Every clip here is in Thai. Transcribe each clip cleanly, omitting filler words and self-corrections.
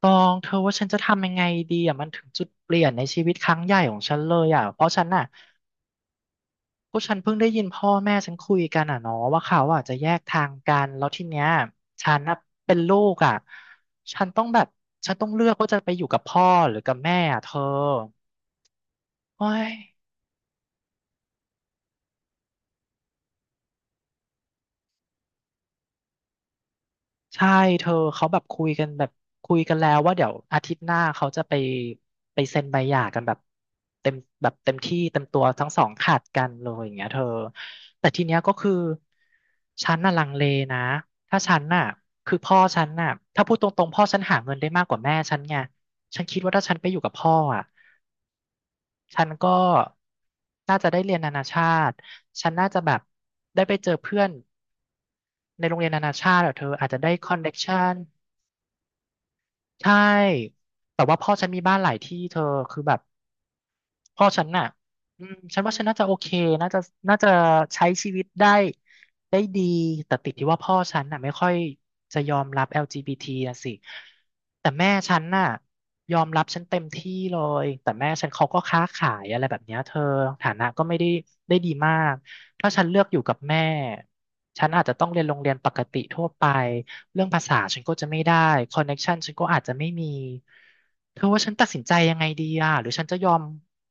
ตองเธอว่าฉันจะทำยังไงดีอ่ะมันถึงจุดเปลี่ยนในชีวิตครั้งใหญ่ของฉันเลยอ่ะเพราะฉันน่ะก็ฉันเพิ่งได้ยินพ่อแม่ฉันคุยกันอ่ะเนาะว่าเขาอ่ะจะแยกทางกันแล้วทีเนี้ยฉันน่ะเป็นลูกอ่ะฉันต้องแบบฉันต้องเลือกว่าจะไปอยู่กับพ่อหรือกับแม่อ่ะเธอโอ้ย ใช่เธอเขาแบบคุยกันแบบคุยกันแล้วว่าเดี๋ยวอาทิตย์หน้าเขาจะไปไปเซ็นใบหย่ากันแบบเต็มแบบเต็มที่เต็มตัวทั้งสองขาดกันเลยอย่างเงี้ยเธอแต่ทีเนี้ยก็คือฉันน่ะลังเลนะถ้าฉันน่ะคือพ่อฉันน่ะถ้าพูดตรงๆพ่อฉันหาเงินได้มากกว่าแม่ฉันไงฉันคิดว่าถ้าฉันไปอยู่กับพ่ออ่ะฉันก็น่าจะได้เรียนนานาชาติฉันน่าจะแบบได้ไปเจอเพื่อนในโรงเรียนนานาชาติอะเธออาจจะได้คอนเน็กชัน ใช่แต่ว่าพ่อฉันมีบ้านหลายที่เธอคือแบบพ่อฉันน่ะฉันว่าฉันน่าจะโอเคน่าจะน่าจะใช้ชีวิตได้ได้ดีแต่ติดที่ว่าพ่อฉันน่ะไม่ค่อยจะยอมรับ LGBT นะสิแต่แม่ฉันน่ะยอมรับฉันเต็มที่เลย แต่แม่ฉันเขาก็ค้าขายอะไรแบบเนี้ยเธอ ฐานะก็ไม่ได้ได้ดีมาก ถ้าฉันเลือกอยู่กับแม่ ฉันอาจจะต้องเรียนโรงเรียนปกติทั่วไป เรื่องภาษาฉันก็จะไม่ได้คอนเน็กชันฉันก็อาจจะไม่มีเธอว่าฉันตัดสินใจยังไงดีอ่ะหรือฉันจะยอม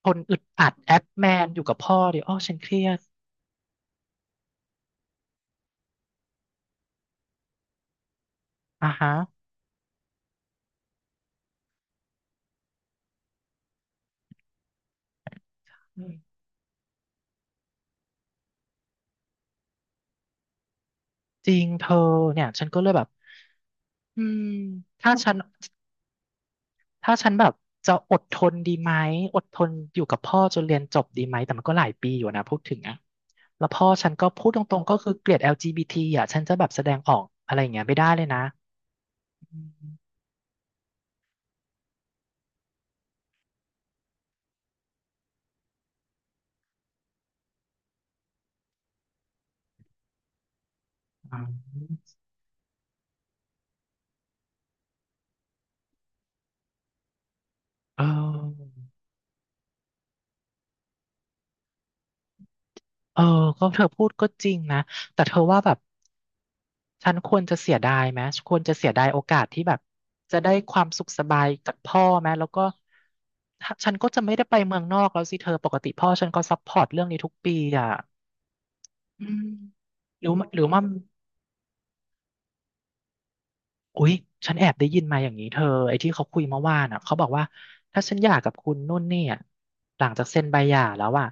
ทนอึดอัดแอปแมนอยู่กับพ่อดีอ้อฉันเครียดอ่ะฮะอืมจริงเธอเนี่ยฉันก็เลยแบบอืมถ้าฉันแบบจะอดทนดีไหมอดทนอยู่กับพ่อจนเรียนจบดีไหมแต่มันก็หลายปีอยู่นะพูดถึงอะแล้วพ่อฉันก็พูดตรงๆก็คือเกลียด LGBT อลจีบีทีอ่ะฉันจะแบบแสดงออกอะไรอย่างเงี้ยไม่ได้เลยนะอืมอาเออ เออก็เธอพูดก็จริงนะ แต่เธอว่าแบบฉันควรจะเสียดายไหมควรจะเสียดายโอกาสที่แบบจะได้ความสุขสบายจากพ่อไหมแล้วก็ถ้าฉันก็จะไม่ได้ไปเมืองนอกแล้วสิเธอปกติพ่อฉันก็ซัพพอร์ตเรื่องนี้ทุกปีอ่ะอืมหรือว่า อุ๊ยฉันแอบได้ยินมาอย่างนี้เธอไอ้ที่เขาคุยเมื่อวานอ่ะเขาบอกว่าถ้าฉันหย่ากับคุณนุ่นเนี่ยหลังจากเซ็นใบหย่าแล้วอ่ะ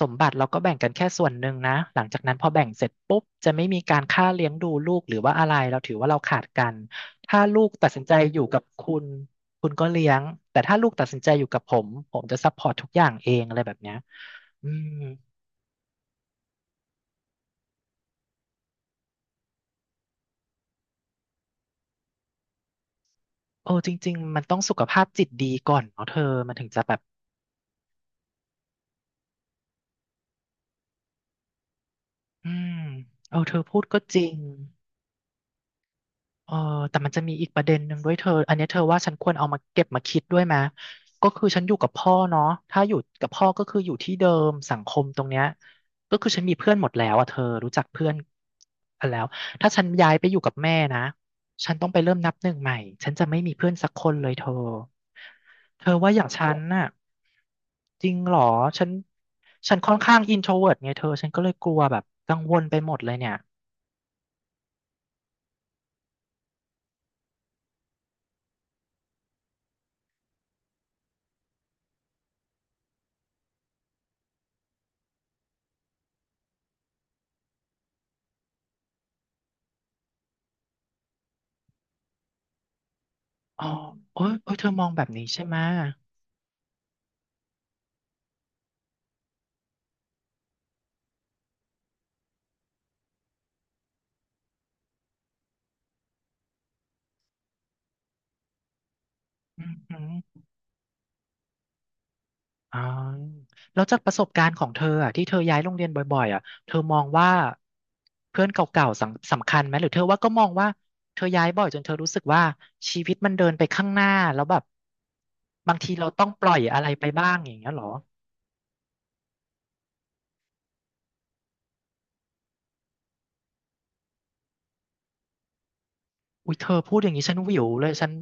สมบัติเราก็แบ่งกันแค่ส่วนหนึ่งนะหลังจากนั้นพอแบ่งเสร็จปุ๊บจะไม่มีการค่าเลี้ยงดูลูกหรือว่าอะไรเราถือว่าเราขาดกันถ้าลูกตัดสินใจอยู่กับคุณคุณก็เลี้ยงแต่ถ้าลูกตัดสินใจอยู่กับผมผมจะซัพพอร์ตทุกอย่างเองอะไรแบบเนี้ยอืมโอ้จริงๆมันต้องสุขภาพจิตดีก่อนเนาะเธอมันถึงจะแบบอืมเออเธอพูดก็จริง เออแต่มันจะมีอีกประเด็นหนึ่งด้วยเธออันเนี้ยเธอว่าฉันควรเอามาเก็บมาคิดด้วยไหมก็คือฉันอยู่กับพ่อเนาะถ้าอยู่กับพ่อก็คืออยู่ที่เดิมสังคมตรงเนี้ย ก็คือฉันมีเพื่อนหมดแล้วอ่ะเธอรู้จักเพื่อนกันแล้วถ้าฉันย้ายไปอยู่กับแม่นะ ฉันต้องไปเริ่มนับหนึ่งใหม่ฉันจะไม่มีเพื่อนสักคนเลยเธอ เธอว่าอย่างฉันน่ะจริงเหรอฉันค่อนข้างอินโทรเวิร์ตไงเธอฉันก็เลยกลัวแบบกังวลไปหมดเลยเนี่ยอ๋อโอ้ยเธอมองแบบนี้ใช่ไหม อืมอหืออ๋อแล้วจากประสบการณ์ของเธออ่ะที่เธอย้ายโรงเรียนบ่อยๆอ่ะเธอมองว่าเพื่อนเก่าๆสำคัญไหมหรือเธอว่าก็มองว่าเธอย้ายบ่อยจนเธอรู้สึกว่าชีวิตมันเดินไปข้างหน้าแล้วแบบบางทีเราต้องปล่อยอะไรไปบ้างอย่างเงี้ยเหรออุ้ยเธอพูดอย่างนี้ฉันวิวเลยฉัน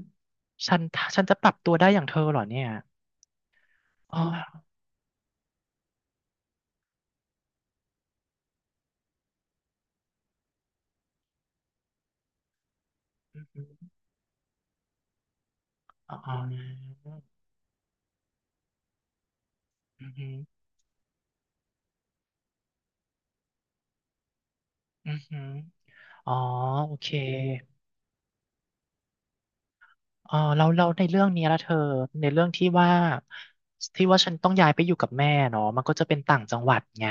ฉันฉันจะปรับตัวได้อย่างเธอเหรอเนี่ยอ๋ออ๋ออือหืออือหืออ๋อโอเค เออเราในเรื่องเนี้ยละเธอในเรื่องที่ว่าฉันต้องย้ายไปอยู่กับแม่เนาะมันก็จะเป็นต่างจังหวัดไง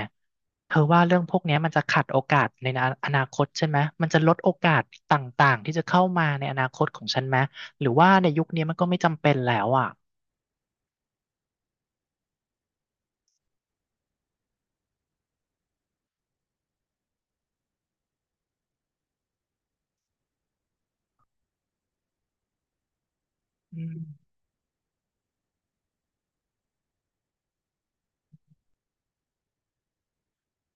เธอว่าเรื่องพวกเนี้ยมันจะขัดโอกาสในอนาคตใช่ไหมมันจะลดโอกาสต่างๆที่จะเข้ามาในอนาคตของฉันไหมหรือว่าในยุคนี้มันก็ไม่จำเป็นแล้วอ่ะอืม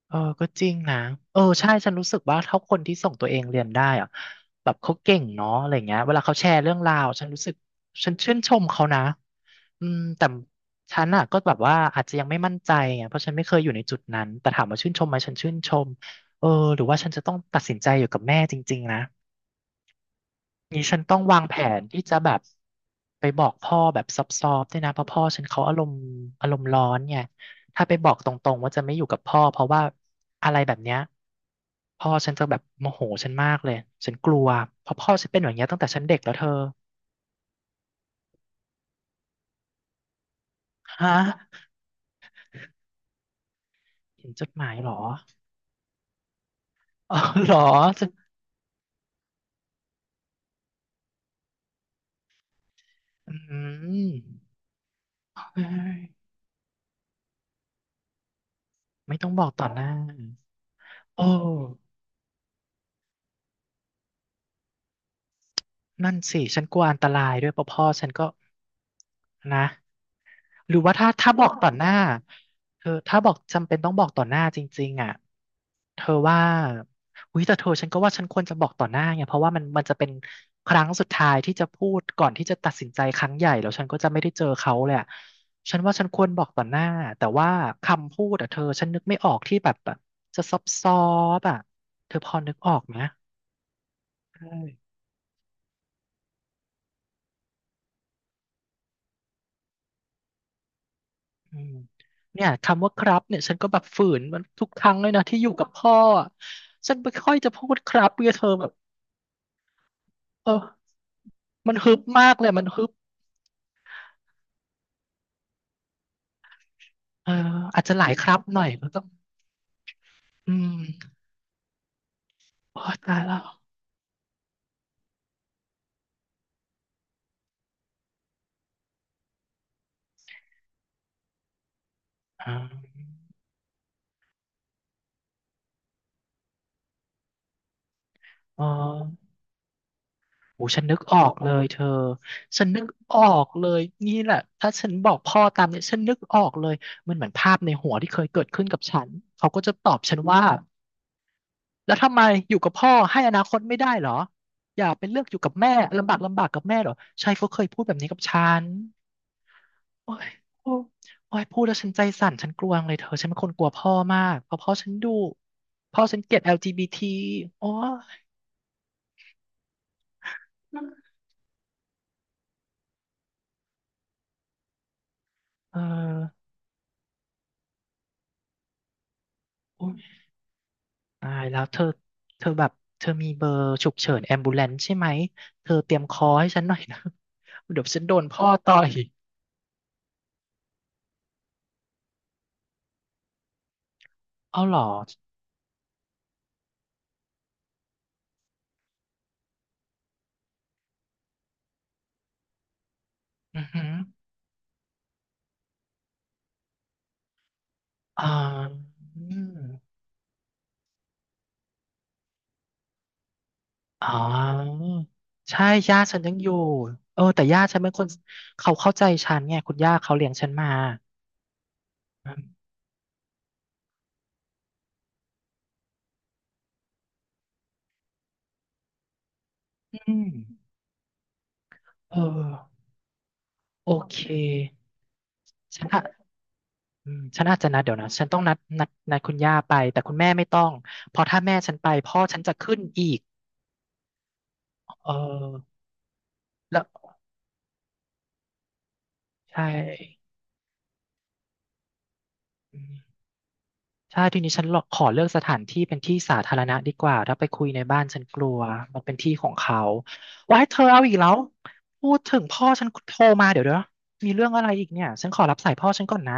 เออก็จริงนะเออใช่ฉันรู้สึกว่าถ้าคนที่ส่งตัวเองเรียนได้อะแบบเขาเก่งเนาะอะไรเงี้ยเวลาเขาแชร์เรื่องราวฉันรู้สึกฉันชื่นชมเขานะอืมแต่ฉันอ่ะก็แบบว่าอาจจะยังไม่มั่นใจไงเพราะฉันไม่เคยอยู่ในจุดนั้นแต่ถามว่าชื่นชมไหมฉันชื่นชมเออหรือว่าฉันจะต้องตัดสินใจอยู่กับแม่จริงๆนะ นี้ฉันต้องวางแผนที่จะแบบไปบอกพ่อแบบซอฟๆด้วยนะเพราะพ่อฉันเขาอารมณ์อารมณ์ร้อนไงถ้าไปบอกตรงๆว่าจะไม่อยู่กับพ่อเพราะว่าอะไรแบบเนี้ยพ่อฉันจะแบบโมโหฉันมากเลยฉันกลัวเพราะพ่อฉันเป็นอย่างเงี้ยตั้งแต่ฉันเด็กแล้วเธอฮะเห็นจดหมายเหรออ๋อเหรอฉันอืมเฮ้ยไม่ต้องบอกต่อหน้าโอ้นั่นสิฉันกลัวอันตรายด้วยเพราะพ่อฉันก็นะ หรือว่าถ้าบอกต่อหน้าเธอถ้าบอกจำเป็นต้องบอกต่อหน้าจริงๆอ่ะเธอว่าอุ้ยแต่เธอฉันก็ว่าฉันควรจะบอกต่อหน้าไงเพราะว่ามันจะเป็นครั้งสุดท้ายที่จะพูดก่อนที่จะตัดสินใจครั้งใหญ่แล้วฉันก็จะไม่ได้เจอเขาเลยอะฉันว่าฉันควรบอกต่อหน้าแต่ว่าคำพูดอ่ะเธอฉันนึกไม่ออกที่แบบจะซอบซอบๆอ่ะเธอพอนึกออกไหม อืมเนี่ยคำว่าครับเนี่ยฉันก็แบบฝืนมันทุกครั้งเลยนะที่อยู่กับพ่ออะฉันไม่ค่อยจะพูดครับเพื่อเธอแบบเออมันฮึบมากเลยมันฮึบเอออาจจะหลายครับหน่อยก็ต้องอืมโอ้ตายแล้วอ่าอ๋อโอฉันนึกออกเลยเธอฉันนึกออกเลยนี่แหละถ้าฉันบอกพ่อตามเนี่ยฉันนึกออกเลยมันเหมือนภาพในหัวที่เคยเกิดขึ้นกับฉันเขาก็จะตอบฉันว่า แล้วทำไมอยู่กับพ่อให้อนาคตไม่ได้เหรออย่าไปเลือกอยู่กับแม่ลำบากลำบากกับแม่เหรอชายเขาเคยพูดแบบนี้กับฉันโอ้ยโอ้ยโอ้ยพูดแล้วฉันใจสั่นฉันกลัวงเลยเธอฉันเป็นคนกลัวพ่อมากเพราะพ่อฉันดุพ่อฉันเกลียด LGBT โอ้ยเออโอ้ยตายแล้วเธอเธอแบบเธอมีเบอร์ฉุกเฉินแอมบูเลนซ์ใช่ไหมเธอเตรียมคอให้ฉันหน่อยนะ เดี๋ยวฉันโดนพ่อต่อยเอาเหรออือหืออ่า อ๋อใช่ย่าฉันยังอยู่เออแต่ย่าฉันเป็นคนเขาเข้าใจฉันไงคุณย่าเขาเลี้ยงฉันมาอืมเออโอเคฉันอะอืมฉันอาจจะนัดเดี๋ยวนะฉันต้องนัดนัดคุณย่าไปแต่คุณแม่ไม่ต้องเพราะถ้าแม่ฉันไปพ่อฉันจะขึ้นอีกเออแล้วใช่ ใช่ทีนี้ฉันขอเลือกสถานที่เป็นที่สาธารณะดีกว่าถ้าไปคุยในบ้านฉันกลัวมันเป็นที่ของเขาว้ายเธอเอาอีกแล้วพูดถึงพ่อฉันโทรมาเดี๋ยวมีเรื่องอะไรอีกเนี่ยฉันขอรับสายพ่อฉันก่อนนะ